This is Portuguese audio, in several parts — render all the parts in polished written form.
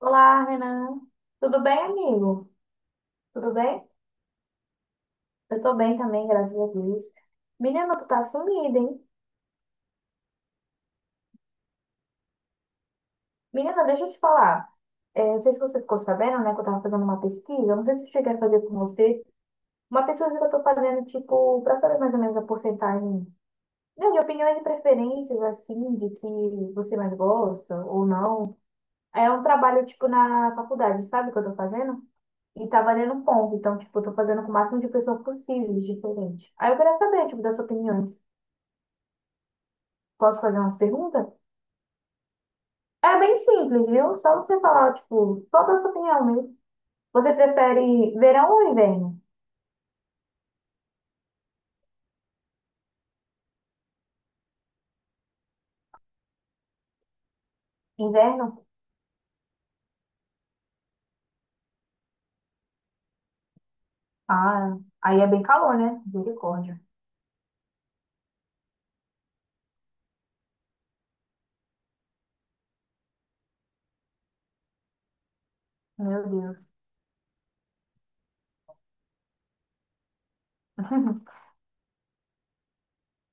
Olá, Renan. Tudo bem, amigo? Tudo bem? Eu tô bem também, graças a Deus. Menina, tu tá sumida, hein? Menina, deixa eu te falar. É, não sei se você ficou sabendo, né, que eu tava fazendo uma pesquisa. Eu Não sei se eu cheguei a fazer com você. Uma pesquisa que eu tô fazendo, tipo, pra saber mais ou menos a porcentagem, né, de opiniões e preferências, assim, de que você mais gosta ou não. É um trabalho, tipo, na faculdade, sabe o que eu tô fazendo? E tá valendo um ponto. Então, tipo, eu tô fazendo com o máximo de pessoas possíveis, diferente. Aí eu queria saber, tipo, das suas opiniões. Posso fazer umas perguntas? É bem simples, viu? Só você falar, tipo, qual é a sua opinião mesmo? Você prefere verão ou inverno? Inverno? Ah, aí é bem calor, né? Misericórdia. Meu Deus.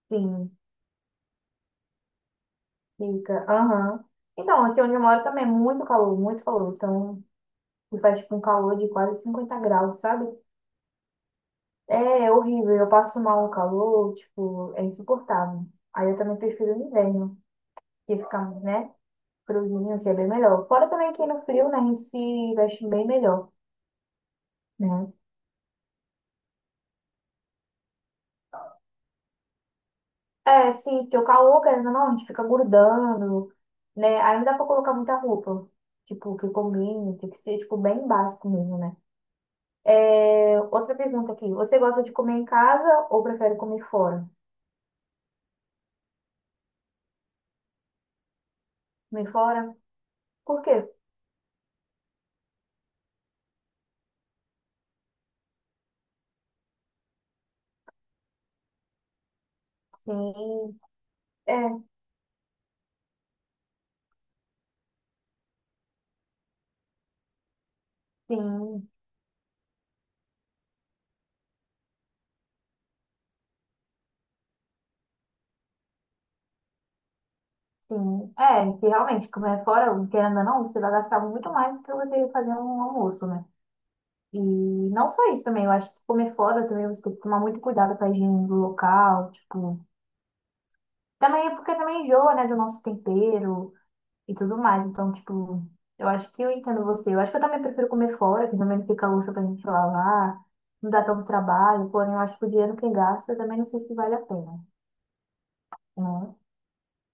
Sim, fica. Aham. Então, aqui onde eu moro também é muito calor, muito calor. Então, faz, tipo, um calor de quase 50 graus, sabe? É horrível, eu passo mal no calor, tipo, é insuportável. Aí eu também prefiro o inverno, que fica, né, friozinho, que é bem melhor. Fora também que no frio, né, a gente se veste bem melhor, né? É, sim, porque o calor, querendo ou não, a gente fica grudando, né? Aí não dá pra colocar muita roupa, tipo, que combine, tem que ser, tipo, bem básico mesmo, né? É, outra pergunta aqui, você gosta de comer em casa ou prefere comer fora? Comer fora? Por quê? Sim, é, sim. Sim, é, que realmente, comer fora, querendo ou não, você vai gastar muito mais do que você fazer um almoço, né? E não só isso também, eu acho que comer fora também você tem que tomar muito cuidado com a higiene do local, tipo, também é porque também enjoa, né, do nosso tempero e tudo mais, então, tipo, eu acho que eu entendo você, eu acho que eu também prefiro comer fora, que também não fica louça pra gente lavar, não dá tanto trabalho, porém eu acho que o dinheiro que gasta também não sei se vale a pena, né?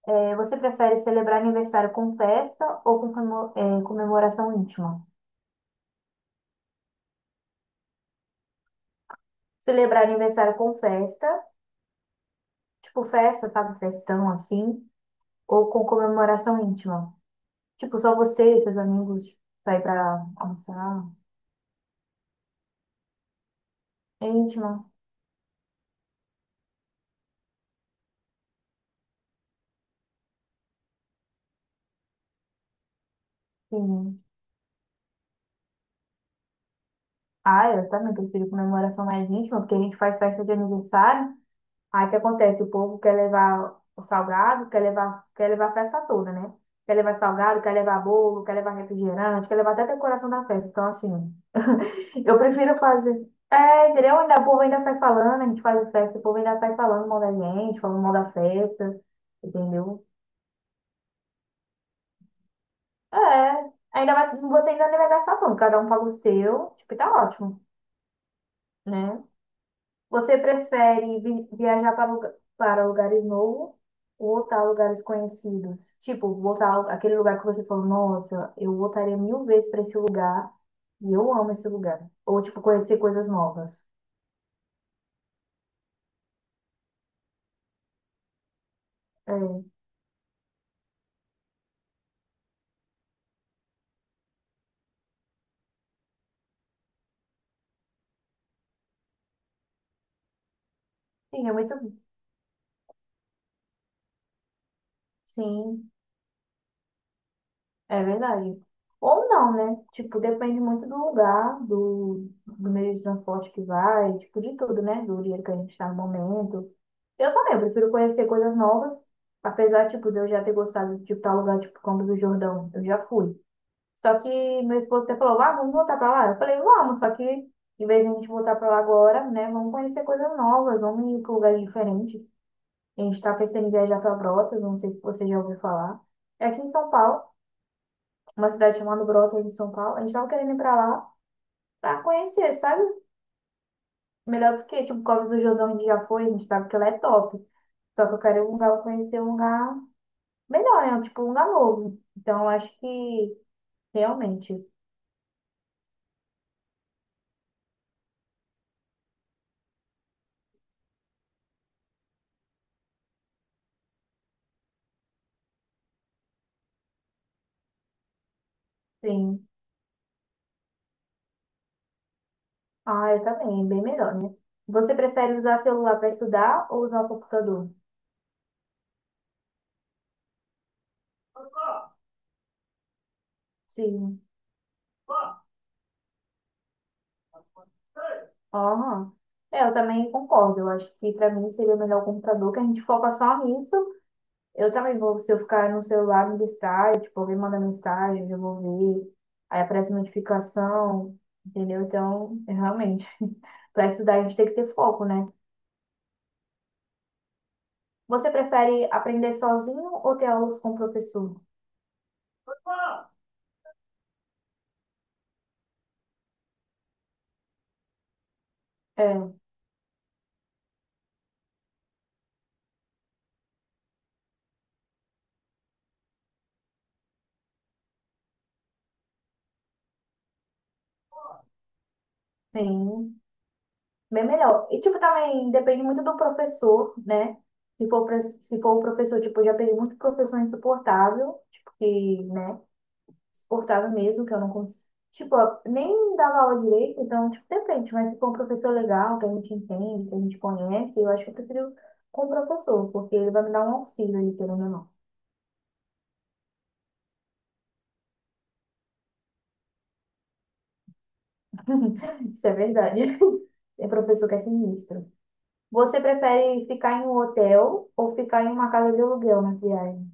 É, você prefere celebrar aniversário com festa ou com comemoração íntima? Celebrar aniversário com festa, tipo festa, sabe, festão assim, ou com comemoração íntima? Tipo, só você e seus amigos vai pra almoçar. É íntima, sim. Ah, eu também prefiro comemoração mais íntima, porque a gente faz festa de aniversário. Aí o que acontece? O povo quer levar o salgado, quer levar a festa toda, né? Quer levar salgado, quer levar bolo, quer levar refrigerante, quer levar até a decoração da festa. Então, assim. Eu prefiro fazer. É, entendeu? Ainda, o povo ainda sai falando, a gente faz festa, o povo ainda sai falando mal da gente, falando mal da festa, entendeu? É, ainda mais, você ainda nem vai gastar tanto, cada um paga o seu, tipo, e tá ótimo, né? Você prefere viajar para lugares novos ou voltar a lugares conhecidos? Tipo, aquele lugar que você falou, nossa, eu voltaria mil vezes para esse lugar e eu amo esse lugar. Ou, tipo, conhecer coisas novas. É, sim, é muito. Sim. É verdade. Ou não, né? Tipo, depende muito do lugar, do meio de transporte que vai, tipo, de tudo, né? Do dinheiro que a gente está no momento. Eu prefiro conhecer coisas novas, apesar, tipo, de eu já ter gostado de tipo, tal lugar, tipo, Campos do Jordão. Eu já fui. Só que meu esposo até falou, ah, vamos voltar pra lá. Eu falei, vamos, só que em vez de a gente voltar pra lá agora, né? Vamos conhecer coisas novas, vamos ir pra lugares diferentes. A gente tá pensando em viajar pra Brotas, não sei se você já ouviu falar. É aqui em São Paulo uma cidade chamada Brotas, em São Paulo. A gente tava querendo ir pra lá pra conhecer, sabe? Melhor porque, tipo, Cova do Jordão a gente já foi, a gente sabe que ela é top. Só que eu quero ir um lugar, conhecer um lugar melhor, né? Tipo, um lugar novo. Então, eu acho que realmente, sim. Ah, eu também, bem melhor, né? Você prefere usar celular para estudar ou usar o computador? Sim. Aham. É, eu também concordo. Eu acho que para mim seria melhor o computador, que a gente foca só nisso. Eu também vou, se eu ficar no celular, me distrai, tipo, alguém manda mensagem, eu vou ver, aí aparece notificação, entendeu? Então, é realmente, para estudar a gente tem que ter foco, né? Você prefere aprender sozinho ou ter aulas com o professor? É, sim, bem melhor. E, tipo, também depende muito do professor, né? Se for o professor, tipo, eu já peguei muito professor insuportável, tipo, que, né? Suportava mesmo, que eu não conseguia. Tipo, eu nem dava aula direito, então, tipo, depende, mas se for um professor legal, que a gente entende, que a gente conhece, eu acho que eu prefiro com o professor, porque ele vai me dar um auxílio ali, pelo ou não. Isso é verdade. É professor que é sinistro. Você prefere ficar em um hotel ou ficar em uma casa de aluguel na viagem?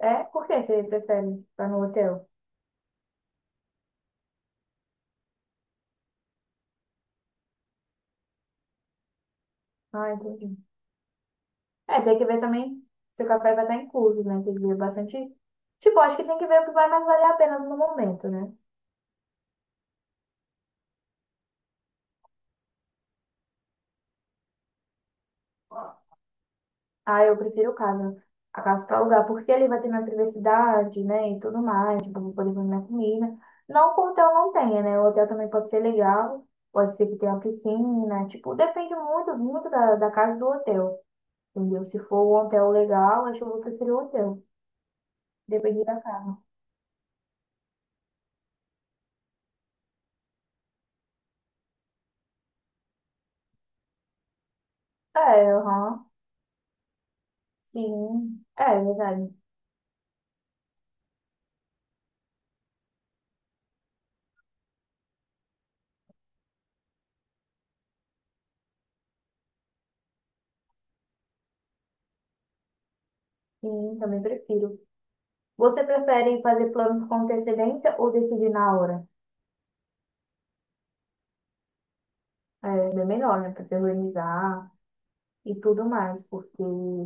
É? Por que você prefere ficar no hotel? Ah, entendi. É, tem que ver também se o café vai estar incluso, né? Tem que ver bastante. Tipo, acho que tem que ver o que vai mais valer a pena no momento, né? Ah, eu prefiro casa. A casa para alugar, porque ali vai ter minha privacidade, né? E tudo mais, tipo, vou poder fazer minha comida. Não que o hotel não tenha, né? O hotel também pode ser legal, pode ser que tenha piscina, tipo, depende muito, muito da casa do hotel, entendeu? Se for um hotel legal, acho que eu vou preferir o hotel, depende da casa. É, aham, sim, é verdade. Sim, também prefiro. Você prefere fazer planos com antecedência ou decidir na hora? É bem melhor, né? Pra se organizar. E tudo mais, porque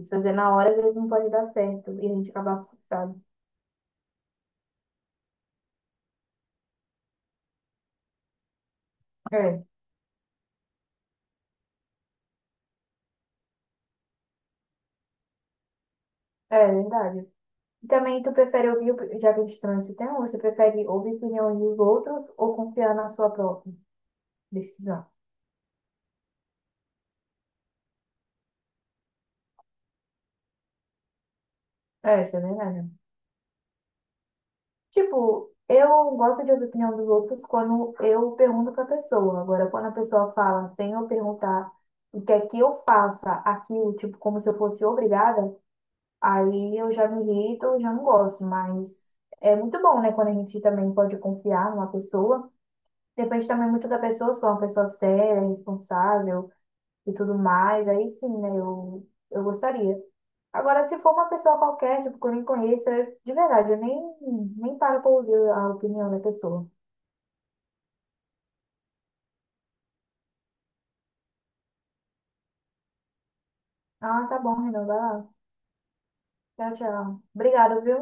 se fazer na hora às vezes não pode dar certo e a gente acabar frustrado. É, é verdade. E também tu prefere já que a gente trouxe esse tema, você prefere ouvir opiniões dos outros ou confiar na sua própria decisão? É, isso é verdade. Tipo, eu gosto de ouvir a opinião dos outros quando eu pergunto pra pessoa. Agora, quando a pessoa fala sem eu perguntar o que é que eu faça aquilo, tipo, como se eu fosse obrigada, aí eu já me irrito, eu já não gosto, mas é muito bom, né? Quando a gente também pode confiar numa pessoa. Depende também muito da pessoa, se for uma pessoa séria, responsável e tudo mais. Aí sim, né? Eu gostaria. Agora, se for uma pessoa qualquer, tipo, que eu nem conheço, de verdade, eu nem, nem paro pra ouvir a opinião da pessoa. Ah, tá bom, Renan, vai lá. Tchau, tchau. Obrigada, viu?